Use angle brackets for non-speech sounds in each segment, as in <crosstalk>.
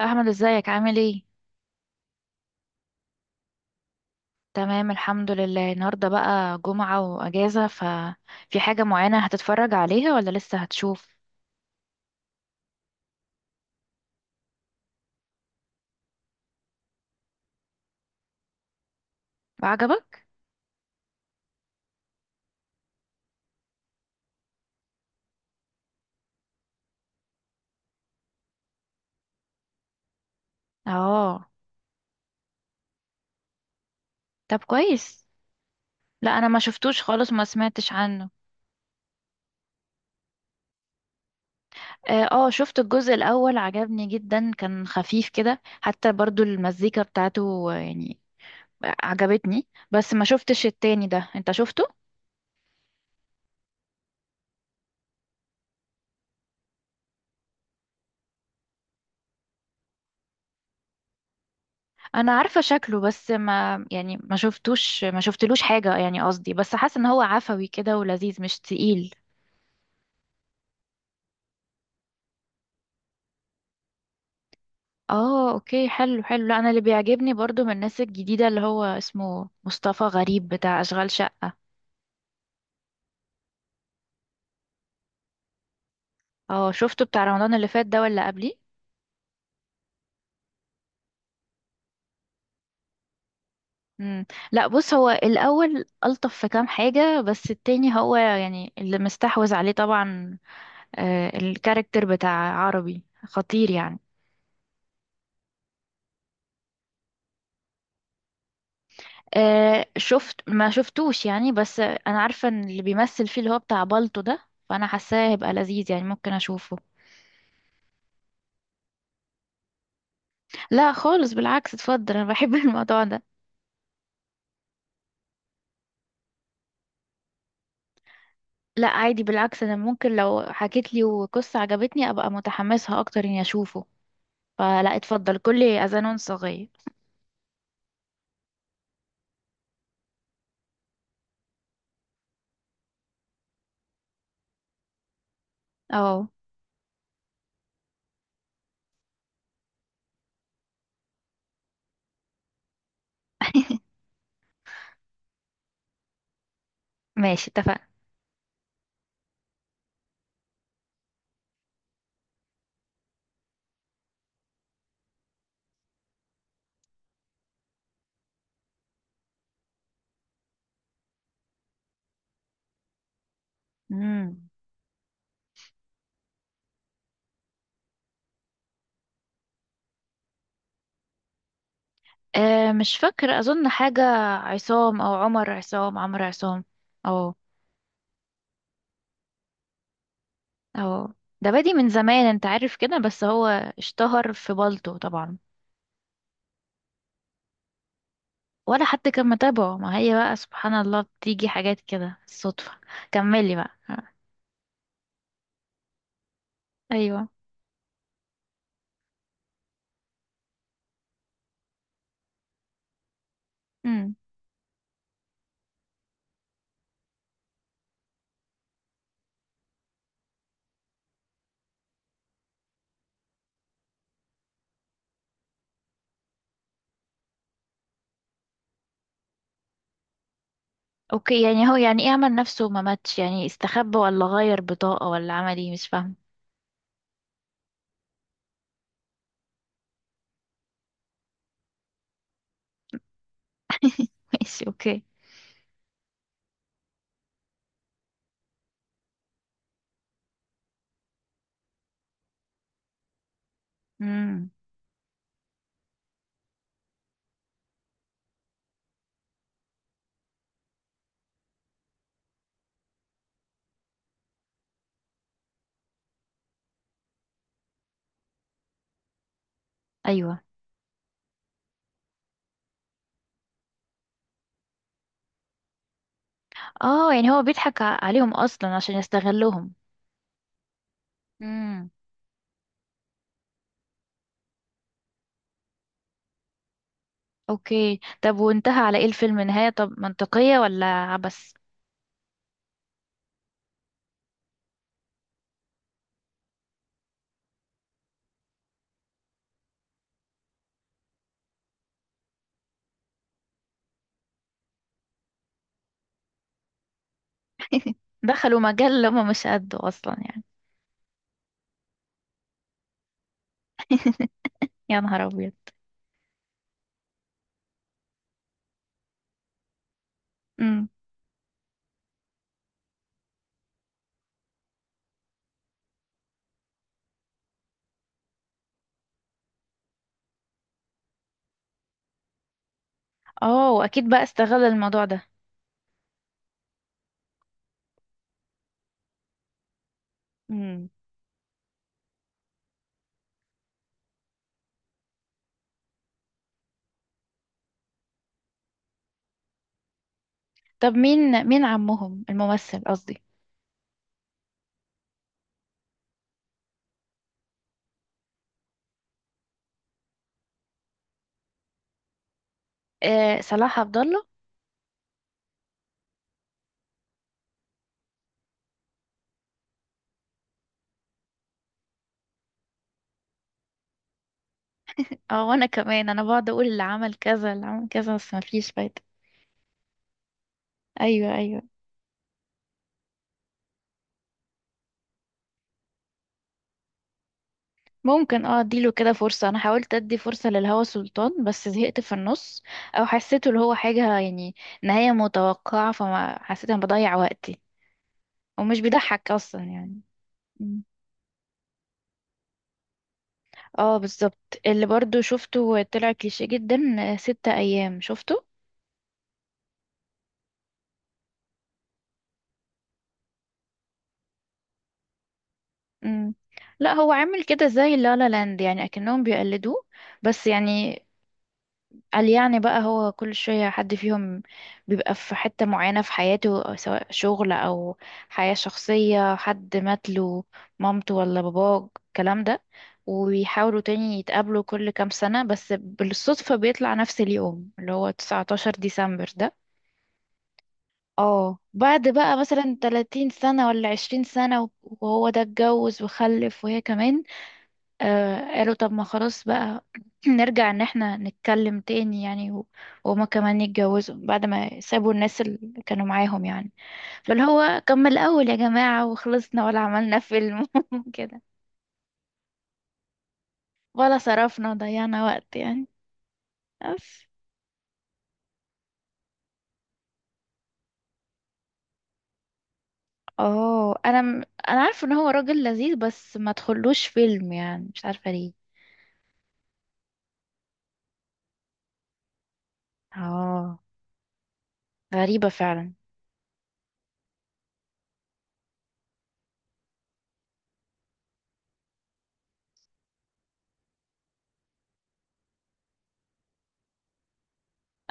احمد، ازيك عامل ايه؟ تمام، الحمد لله. النهارده بقى جمعة واجازة، ففي حاجة معينة هتتفرج عليها ولا لسه هتشوف؟ عجبك؟ اه. طب، كويس. لا، انا ما شفتوش خالص، ما سمعتش عنه. اه. شفت الجزء الاول، عجبني جدا، كان خفيف كده، حتى برضو المزيكا بتاعته، يعني عجبتني. بس ما شفتش التاني، ده انت شفته؟ انا عارفه شكله، بس ما يعني، ما شفتوش، ما شفتلوش حاجه يعني، قصدي بس حاسه ان هو عفوي كده ولذيذ، مش تقيل. اه، اوكي. حلو حلو. لا، انا اللي بيعجبني برضو من الناس الجديده اللي هو اسمه مصطفى غريب، بتاع اشغال شقه. اه، شفته بتاع رمضان اللي فات ده ولا قبليه؟ امم. لا، بص، هو الاول الطف في كام حاجه، بس التاني هو يعني اللي مستحوذ عليه طبعا. آه، الكاركتر بتاع عربي خطير يعني. شفت، ما شفتوش يعني، بس انا عارفه ان اللي بيمثل فيه اللي هو بتاع بالتو ده، فانا حاساه هيبقى لذيذ يعني، ممكن اشوفه. لا خالص، بالعكس، اتفضل. انا بحب <laughs> الموضوع ده. لا، عادي، بالعكس. انا ممكن لو حكيت لي وقصه عجبتني ابقى متحمسها اكتر اني اشوفه، فلا اتفضل، كل اذان صغير. اه. <laughs> ماشي، اتفقنا. مم. مش فاكره، اظن حاجه عصام او عمر عصام، عمرو عصام. اه، اه. ده بادي من زمان، انت عارف كده، بس هو اشتهر في بلطو طبعا. ولا حد كان متابعه، ما هي بقى سبحان الله، بتيجي حاجات كده الصدفة. كملي بقى. ها. ايوه. امم. اوكي، يعني هو يعني ايه؟ عمل نفسه ما ماتش يعني؟ استخبى ولا غير بطاقة ولا عمل ايه؟ مش فاهمه. <laughs> ماشي، اوكي. امم. ايوه. اه، يعني هو بيضحك عليهم اصلا عشان يستغلهم. امم. اوكي. طب وانتهى على ايه الفيلم؟ نهاية طب منطقية ولا عبس؟ دخلوا مجال اللي هما مش قده اصلا يعني. يا نهار ابيض! امم. اه، واكيد بقى استغل الموضوع ده. امم. طب مين، مين عمهم، الممثل قصدي؟ آه، صلاح عبد الله. اه، وانا كمان انا بقعد اقول اللي عمل كذا اللي عمل كذا، بس مفيش فايده. ايوه، ايوه. ممكن. اه، اديله كده فرصه. انا حاولت ادي فرصه للهوى سلطان، بس زهقت في النص، او حسيته اللي هو حاجه يعني، نهايه متوقعه، فما حسيت انا بضيع وقتي، ومش بيضحك اصلا يعني. اه، بالظبط، اللي برضو شفته طلع كليشيه جدا. ستة ايام شفته؟ مم. لا، هو عامل كده زي لا لا لاند يعني، اكنهم بيقلدوه. بس يعني، قال يعني بقى، هو كل شوية حد فيهم بيبقى في حتة معينة في حياته، أو سواء شغل او حياة شخصية، حد مات له، مامته ولا باباه، الكلام ده، ويحاولوا تاني يتقابلوا كل كام سنة، بس بالصدفة بيطلع نفس اليوم اللي هو 19 ديسمبر ده، اه، بعد بقى مثلا 30 سنة ولا 20 سنة، وهو ده اتجوز وخلف وهي كمان. قالوا طب، ما خلاص بقى، <clears throat> نرجع ان احنا نتكلم تاني يعني، وهما كمان يتجوزوا بعد ما سابوا الناس اللي كانوا معاهم يعني، فاللي هو كمل الأول يا جماعة وخلصنا، ولا عملنا فيلم <laughs> كده، ولا صرفنا وضيعنا وقت يعني. بس. اه، انا عارفه ان هو راجل لذيذ، بس ما تخلوش فيلم يعني، مش عارفه ليه. اه، غريبه فعلا.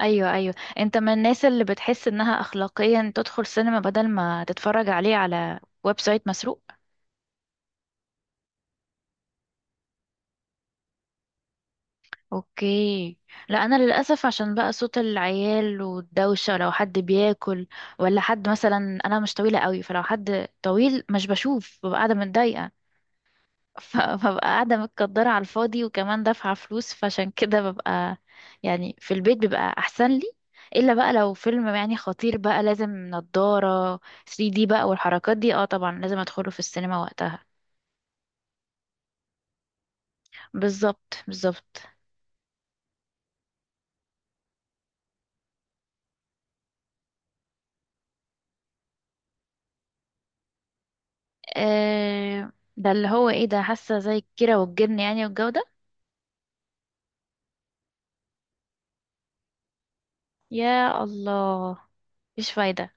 ايوه، ايوه. انت من الناس اللي بتحس انها اخلاقيا تدخل سينما بدل ما تتفرج عليه على ويب سايت مسروق؟ اوكي. لا، انا للاسف عشان بقى صوت العيال والدوشه، لو حد بياكل ولا حد مثلا، انا مش طويله قوي فلو حد طويل مش بشوف، ببقى قاعده متضايقه، فببقى قاعدة متقدرة على الفاضي، وكمان دافعة فلوس، فعشان كده ببقى، يعني في البيت بيبقى أحسن لي. إلا بقى لو فيلم يعني خطير بقى لازم نضارة 3D بقى والحركات دي، اه طبعا لازم أدخله في السينما وقتها. بالظبط، بالظبط. آه، ده اللي هو ايه، ده حاسة زي الكيرة والجن يعني، والجو ده. يا الله. مش فايدة.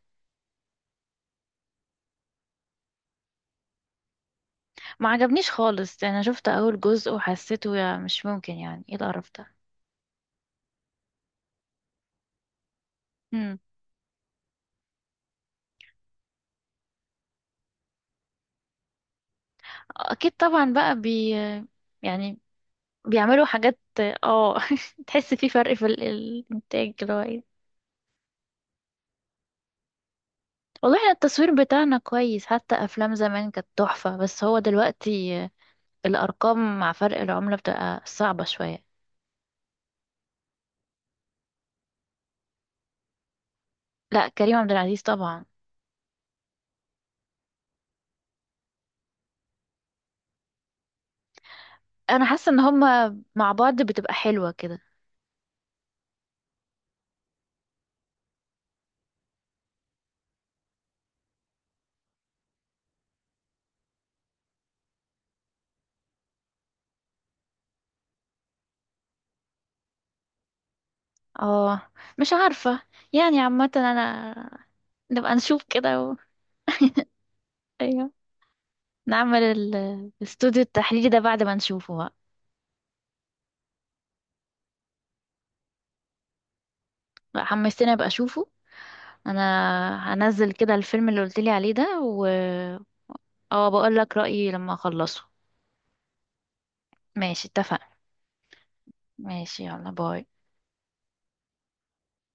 ما عجبنيش خالص، انا شفت اول جزء وحسيته، يا مش ممكن، يعني ايه القرف ده؟ مم. اكيد طبعا بقى، يعني بيعملوا حاجات. اه. <laughs> تحس في فرق في الانتاج اللي هو ايه. والله احنا التصوير بتاعنا كويس، حتى افلام زمان كانت تحفة، بس هو دلوقتي الارقام مع فرق العملة بتبقى صعبة شوية. لا، كريم عبد العزيز طبعا. انا حاسة ان هما مع بعض بتبقى حلوة كده. اه، مش عارفة، يعني عامة انا نبقى نشوف كده و... ايوه، نعمل الاستوديو التحليلي ده بعد ما نشوفه بقى. لا، حمستني ابقى اشوفه. انا هنزل كده الفيلم اللي قلت لي عليه ده، و... اه، بقول لك رأيي لما اخلصه. ماشي، اتفقنا. ماشي، يلا باي.